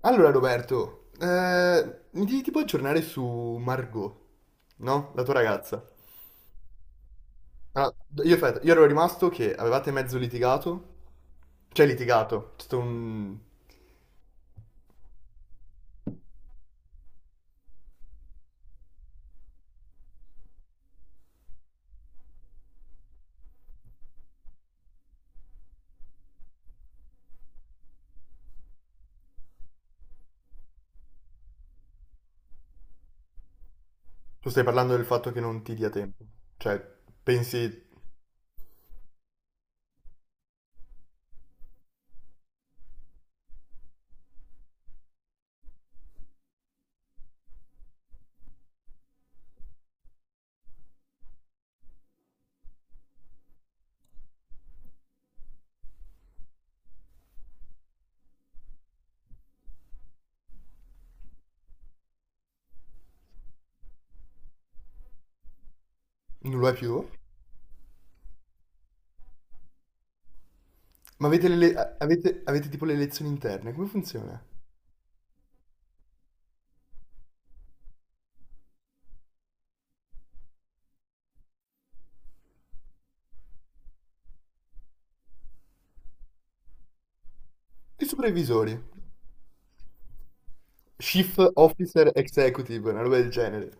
Allora Roberto, mi devi tipo aggiornare su Margot, no? La tua ragazza. Allora, io, aspetta, io ero rimasto che avevate mezzo litigato, cioè litigato, c'è stato un... Tu stai parlando del fatto che non ti dia tempo, cioè pensi non lo è più? Ma avete tipo le elezioni interne, come funziona? I supervisori, Chief Officer Executive, una roba del genere.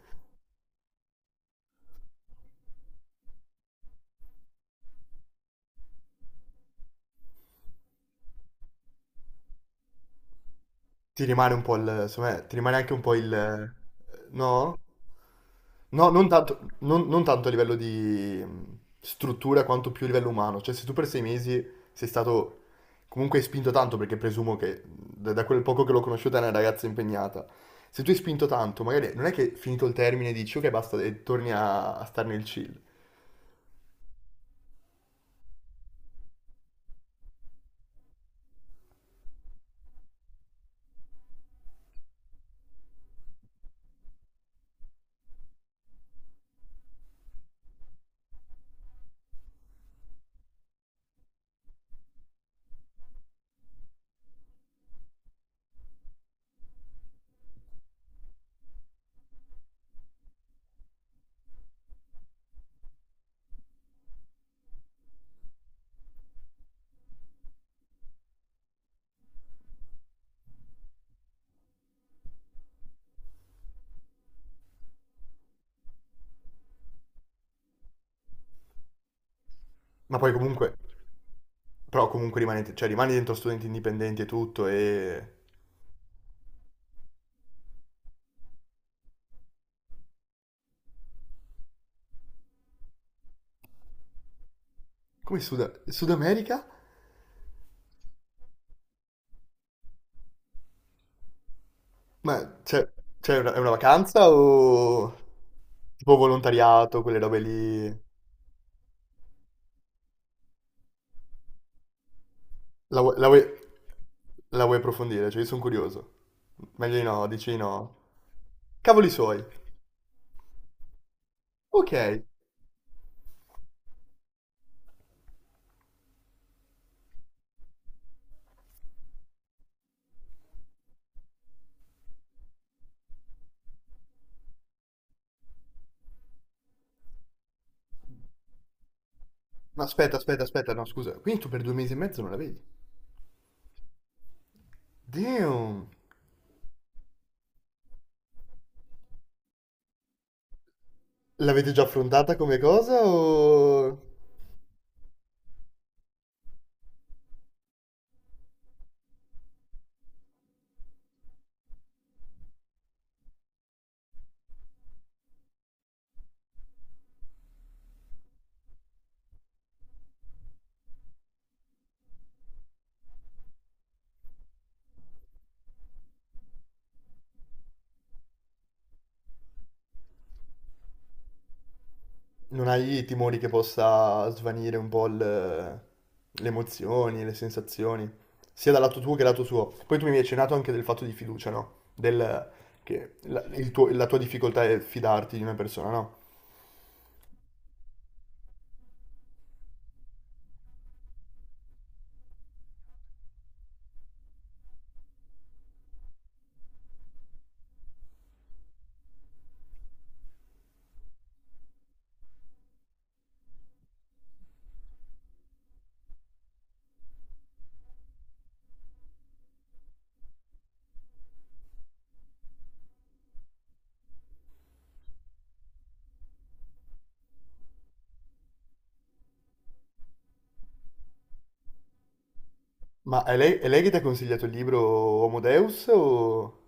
Ti rimane un po' il, secondo me, ti rimane anche un po' il... No? No, non tanto, non tanto a livello di struttura quanto più a livello umano. Cioè, se tu per 6 mesi sei stato comunque hai spinto tanto, perché presumo che da quel poco che l'ho conosciuta è una ragazza impegnata. Se tu hai spinto tanto, magari non è che finito il termine dici ok basta e torni a stare nel chill. Ma poi comunque, però comunque rimani, cioè, rimani dentro studenti indipendenti e tutto e... Come Sud America? Ma c'è una, è una vacanza o tipo volontariato, quelle robe lì? La, vuoi, la vuoi- la vuoi approfondire? Cioè, io sono curioso. Meglio di no, dici di no. Cavoli suoi. Ok. Ma aspetta, aspetta, aspetta, no, scusa. Quindi tu per 2 mesi e mezzo non la vedi? Damn. L'avete già affrontata come cosa o... Non hai timori che possa svanire un po' le emozioni, le sensazioni, sia dal lato tuo che dal lato suo. Poi tu mi hai accennato anche del fatto di fiducia, no? Del, che la, il tuo- la tua difficoltà è fidarti di una persona, no? Ma è lei che ti ha consigliato il libro Homo Deus o...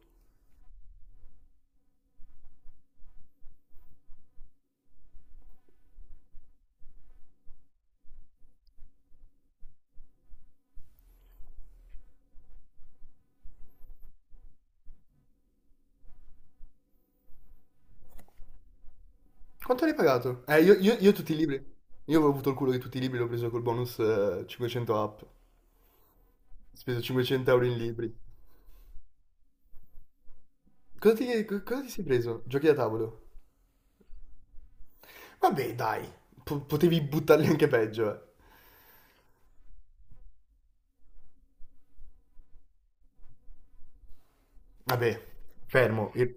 Quanto l'hai pagato? Io tutti i libri. Io avevo avuto il culo di tutti i libri, l'ho preso col bonus 500 app. Ho speso 500 € in libri. Cosa ti sei preso? Giochi da tavolo? Vabbè, dai, potevi buttarli anche peggio, eh. Vabbè, fermo. Il,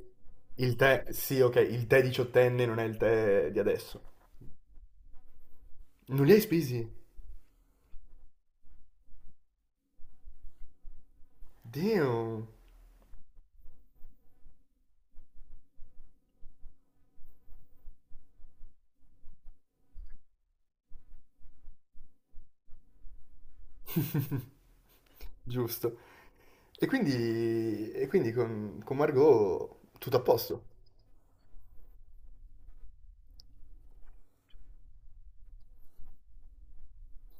il tè, sì, ok, il tè diciottenne non è il tè di adesso. Non li hai spesi? Damn. Giusto. E quindi con Margot tutto a posto.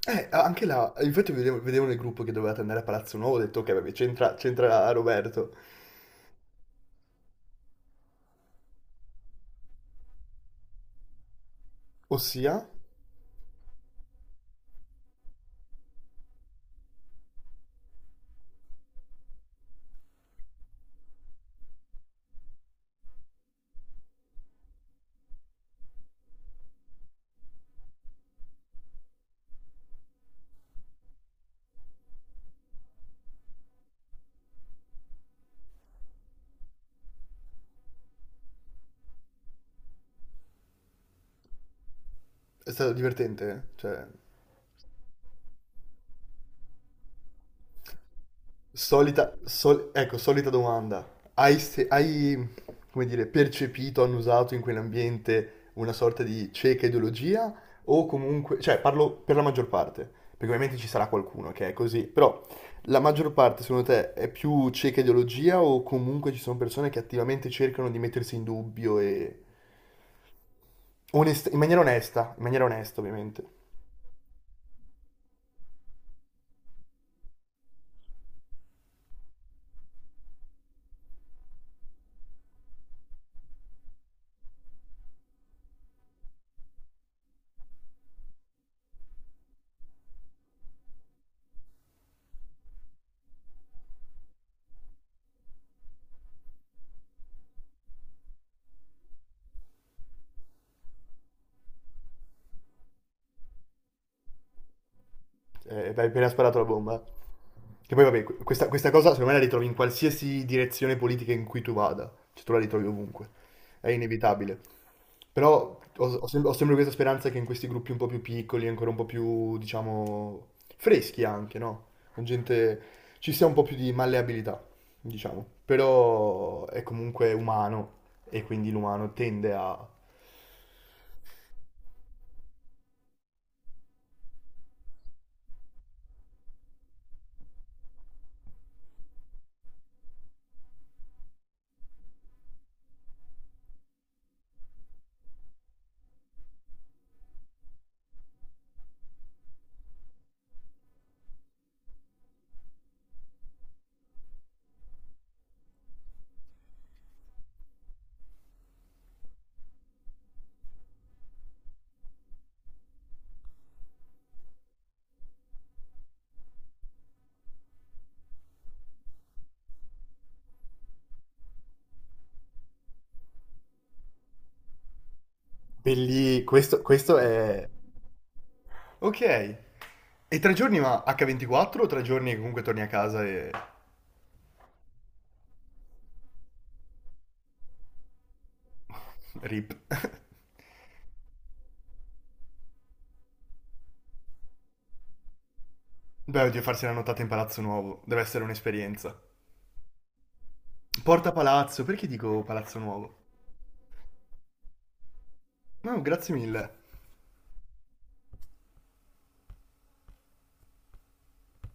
Anche là, infatti vedevo nel gruppo che dovevate andare a Palazzo Nuovo, ho detto ok, vabbè, c'entra c'entra Roberto. Ossia, è stato divertente, cioè... ecco, solita domanda. Hai, se- hai, come dire, percepito, annusato in quell'ambiente una sorta di cieca ideologia? O comunque, cioè, parlo per la maggior parte, perché ovviamente ci sarà qualcuno che è così, però la maggior parte, secondo te, è più cieca ideologia o comunque ci sono persone che attivamente cercano di mettersi in dubbio e... in maniera onesta, ovviamente. Hai appena sparato la bomba. Che poi, vabbè, questa cosa secondo me la ritrovi in qualsiasi direzione politica in cui tu vada. Cioè, tu la ritrovi ovunque. È inevitabile. Però ho, ho sempre questa speranza che in questi gruppi un po' più piccoli, ancora un po' più, diciamo, freschi anche, no? Con gente ci sia un po' più di malleabilità, diciamo. Però è comunque umano e quindi l'umano tende a... E lì, questo è... Ok. E tre giorni ma H24 o tre giorni che comunque torni a casa e... Rip. Beh, oddio, farsi la nottata in Palazzo Nuovo. Deve essere un'esperienza. Porta Palazzo, perché dico Palazzo Nuovo? No, grazie mille.